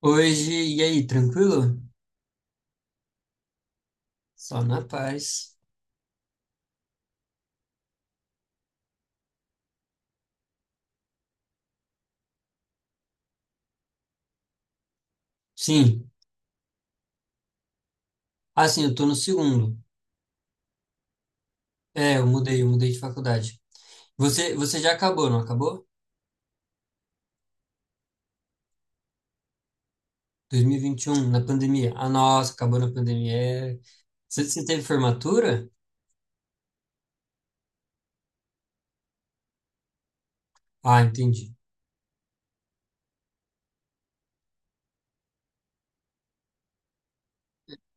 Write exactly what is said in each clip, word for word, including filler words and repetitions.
Hoje, e aí, tranquilo? Só na paz. Sim. Ah, sim, eu tô no segundo. É, eu mudei, eu mudei de faculdade. Você, você já acabou, não acabou? Dois mil e e vinte e um na pandemia. Ah, nossa, acabou na pandemia. É. Você, você teve formatura? Ah, entendi.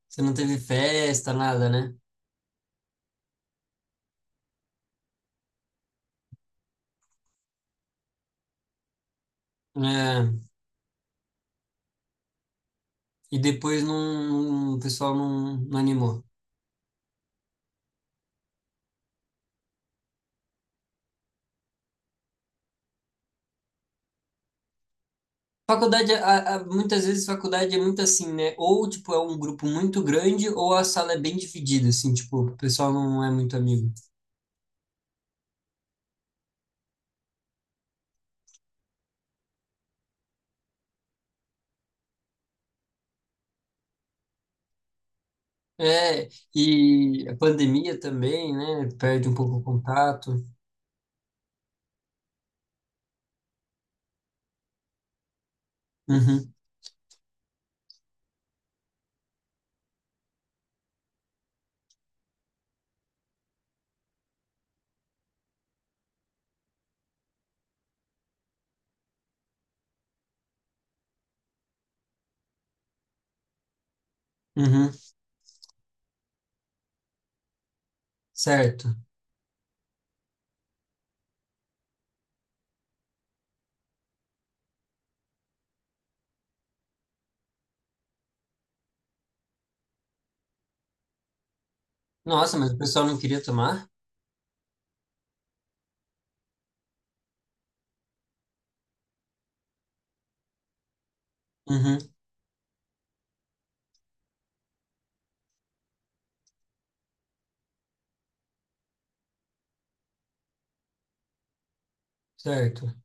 Você não teve festa, nada, né? É, e depois não, não- o pessoal não, não animou. Faculdade, a- a- muitas vezes faculdade é muito assim, né? Ou, tipo, é um grupo muito grande, ou a sala é bem dividida, assim, tipo, o pessoal não é muito amigo. É, e a pandemia também, né? Perde um pouco o contato. Uhum, uhum, certo. Nossa, mas o pessoal não queria tomar? Uhum, certo.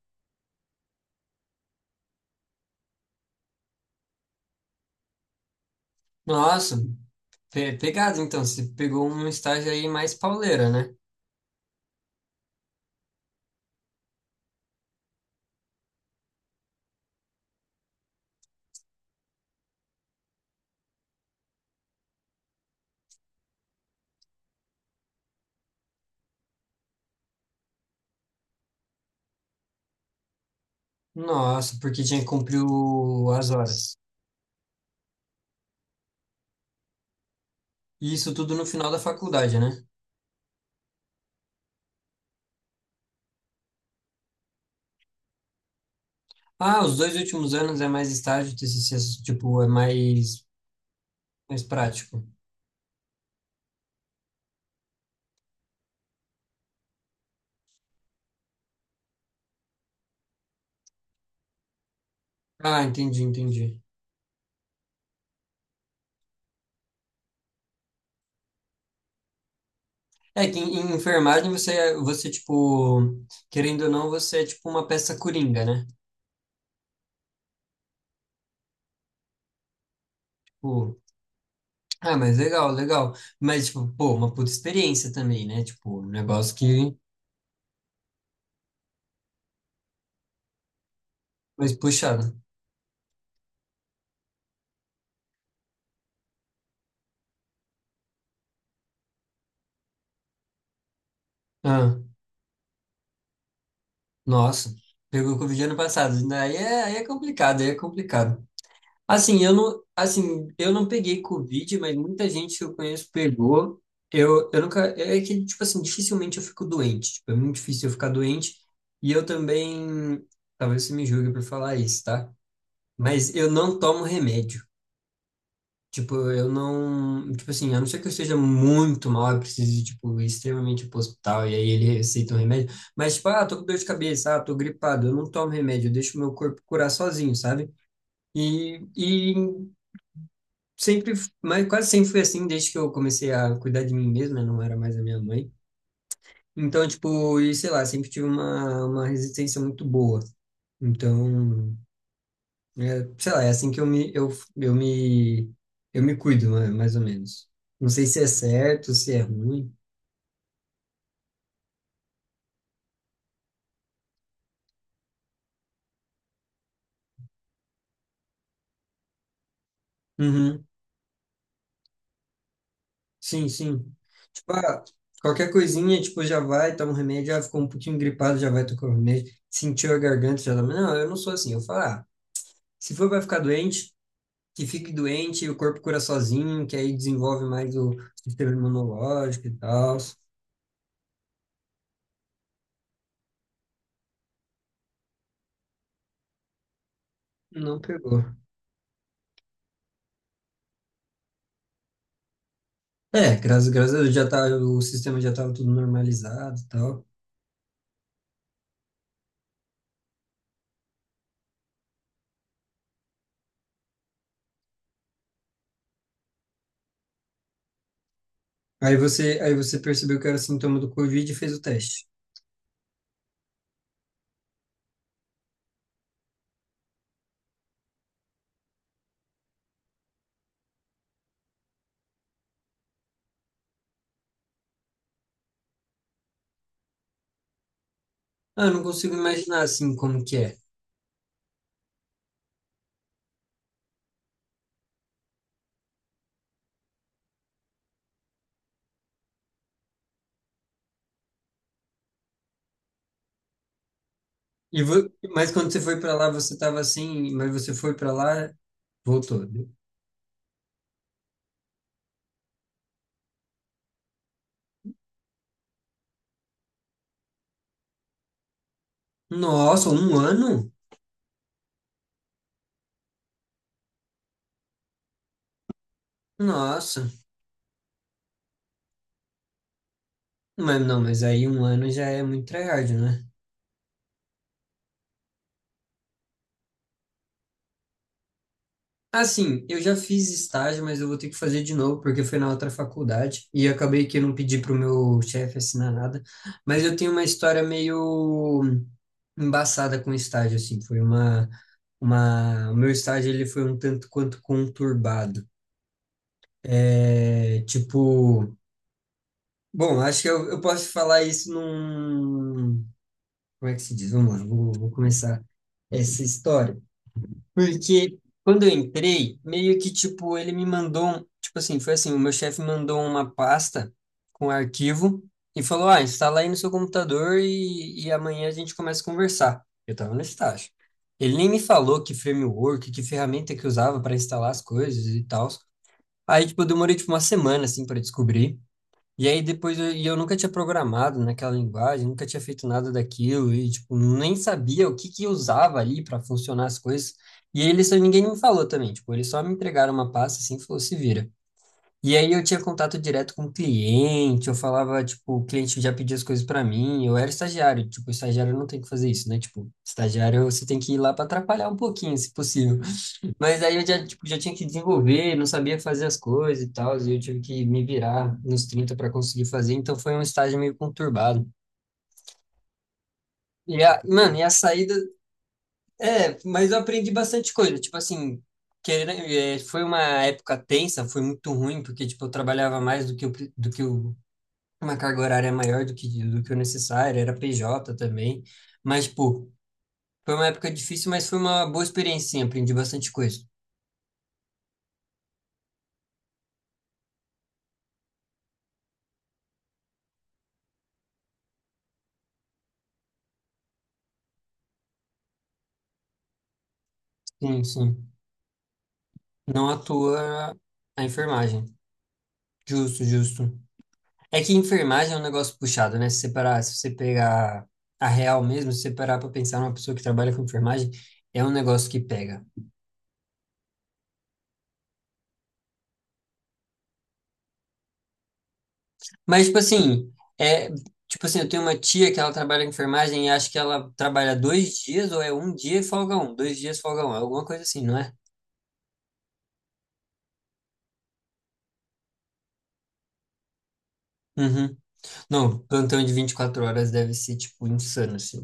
Nossa, pe- pegado, então, você pegou um estágio aí mais pauleira, né? Nossa, porque tinha que cumprir o- as horas. E isso tudo no final da faculdade, né? Ah, os dois últimos anos é mais estágio, T C C, tipo, é mais, mais prático. Ah, entendi, entendi. É que em, em enfermagem você, você, tipo, querendo ou não, você é tipo uma peça coringa, né? Tipo, ah, mas legal, legal. Mas, tipo, pô, uma puta experiência também, né? Tipo, um negócio que mais puxado. Ah, nossa, pegou Covid ano passado. Aí é, aí é complicado, aí é complicado. Assim, eu não, assim, eu não peguei Covid, mas muita gente que eu conheço pegou. Eu, eu nunca, é que, tipo assim, dificilmente eu fico doente. Tipo, é muito difícil eu ficar doente. E eu também, talvez você me julgue por falar isso, tá? Mas eu não tomo remédio. Tipo, eu não, tipo assim, a não ser que eu esteja muito mal, eu precise, tipo, extremamente ir pro hospital, e aí ele receita um remédio. Mas, tipo, ah, tô com dor de cabeça, ah, tô gripado, eu não tomo remédio, eu deixo meu corpo curar sozinho, sabe? E, e sempre, mas quase sempre foi assim desde que eu comecei a cuidar de mim mesmo, né? Não era mais a minha mãe. Então, tipo, e sei lá, sempre tive uma, uma resistência muito boa. Então, é, sei lá, é assim que eu me, eu, eu me, eu me cuido, ma- mais ou menos. Não sei se é certo, se é ruim. Uhum. Sim, sim. Tipo, ah, qualquer coisinha, tipo, já vai, toma um remédio, ah, ficou um pouquinho gripado, já vai tocar o remédio, sentiu a garganta, já toma. Não, eu não sou assim. Eu falo, ah, se for, vai ficar doente, que fique doente e o corpo cura sozinho, que aí desenvolve mais o sistema imunológico e tal. Não pegou. É, graças, graças a Deus já tá, o sistema já estava tudo normalizado e tal. Aí você, aí você percebeu que era sintoma do Covid e fez o teste. Ah, eu não consigo imaginar assim como que é. E vo- mas quando você foi para lá, você estava assim, mas você foi para lá, voltou. Nossa, um ano? Nossa. Mas não, mas aí um ano já é muito tryhard, né? Assim, eu já fiz estágio, mas eu vou ter que fazer de novo, porque foi na outra faculdade, e acabei que eu não pedi pro meu chefe assinar nada, mas eu tenho uma história meio embaçada com estágio, assim, foi uma, uma, o meu estágio, ele foi um tanto quanto conturbado, é, tipo, bom, acho que eu, eu posso falar isso num, como é que se diz? Vamos lá, vou, vou começar essa história. Porque quando eu entrei, meio que tipo, ele me mandou, um- tipo assim, foi assim, o meu chefe mandou uma pasta com arquivo e falou: "Ah, instala aí no seu computador e, e amanhã a gente começa a conversar". Eu tava no estágio. Ele nem me falou que framework, que ferramenta que usava para instalar as coisas e tal. Aí, tipo, eu demorei tipo uma semana assim para descobrir. E aí depois eu, e eu nunca tinha programado naquela linguagem, nunca tinha feito nada daquilo e tipo nem sabia o que que usava ali para funcionar as coisas. E aí eles ninguém me falou também, tipo, eles só me entregaram uma pasta assim, e falou se vira. E aí eu tinha contato direto com o cliente, eu falava, tipo, o cliente já pedia as coisas para mim, eu era estagiário, tipo, estagiário não tem que fazer isso, né? Tipo, estagiário você tem que ir lá para atrapalhar um pouquinho, se possível. Mas aí eu já, tipo, já tinha que desenvolver, não sabia fazer as coisas e tal, e eu tive que me virar nos trinta para conseguir fazer, então foi um estágio meio conturbado. E a, mano, e a saída, é, mas eu aprendi bastante coisa, tipo assim, querendo, é, foi uma época tensa, foi muito ruim, porque, tipo, eu trabalhava mais do que, o pre- do que o- uma carga horária maior do que, do que, o necessário, era P J também, mas, tipo, foi uma época difícil, mas foi uma boa experiência, sim, aprendi bastante coisa. Sim, sim. Não atua a enfermagem. Justo, justo. É que enfermagem é um negócio puxado, né? Se separar, se você pegar a real mesmo, se você parar para pensar numa pessoa que trabalha com enfermagem, é um negócio que pega. Mas, tipo assim, é, tipo assim, eu tenho uma tia que ela trabalha com enfermagem e acho que ela trabalha dois dias, ou é um dia e folga um, dois dias folga um, é alguma coisa assim, não é? Uhum. Não, plantão de vinte e quatro horas deve ser, tipo, insano, assim.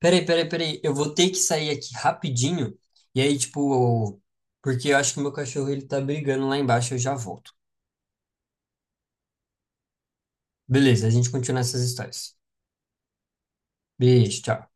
Peraí, peraí, peraí. Eu vou ter que sair aqui rapidinho. E aí, tipo, porque eu acho que o meu cachorro ele tá brigando lá embaixo, eu já volto. Beleza, a gente continua essas histórias. Beijo, tchau.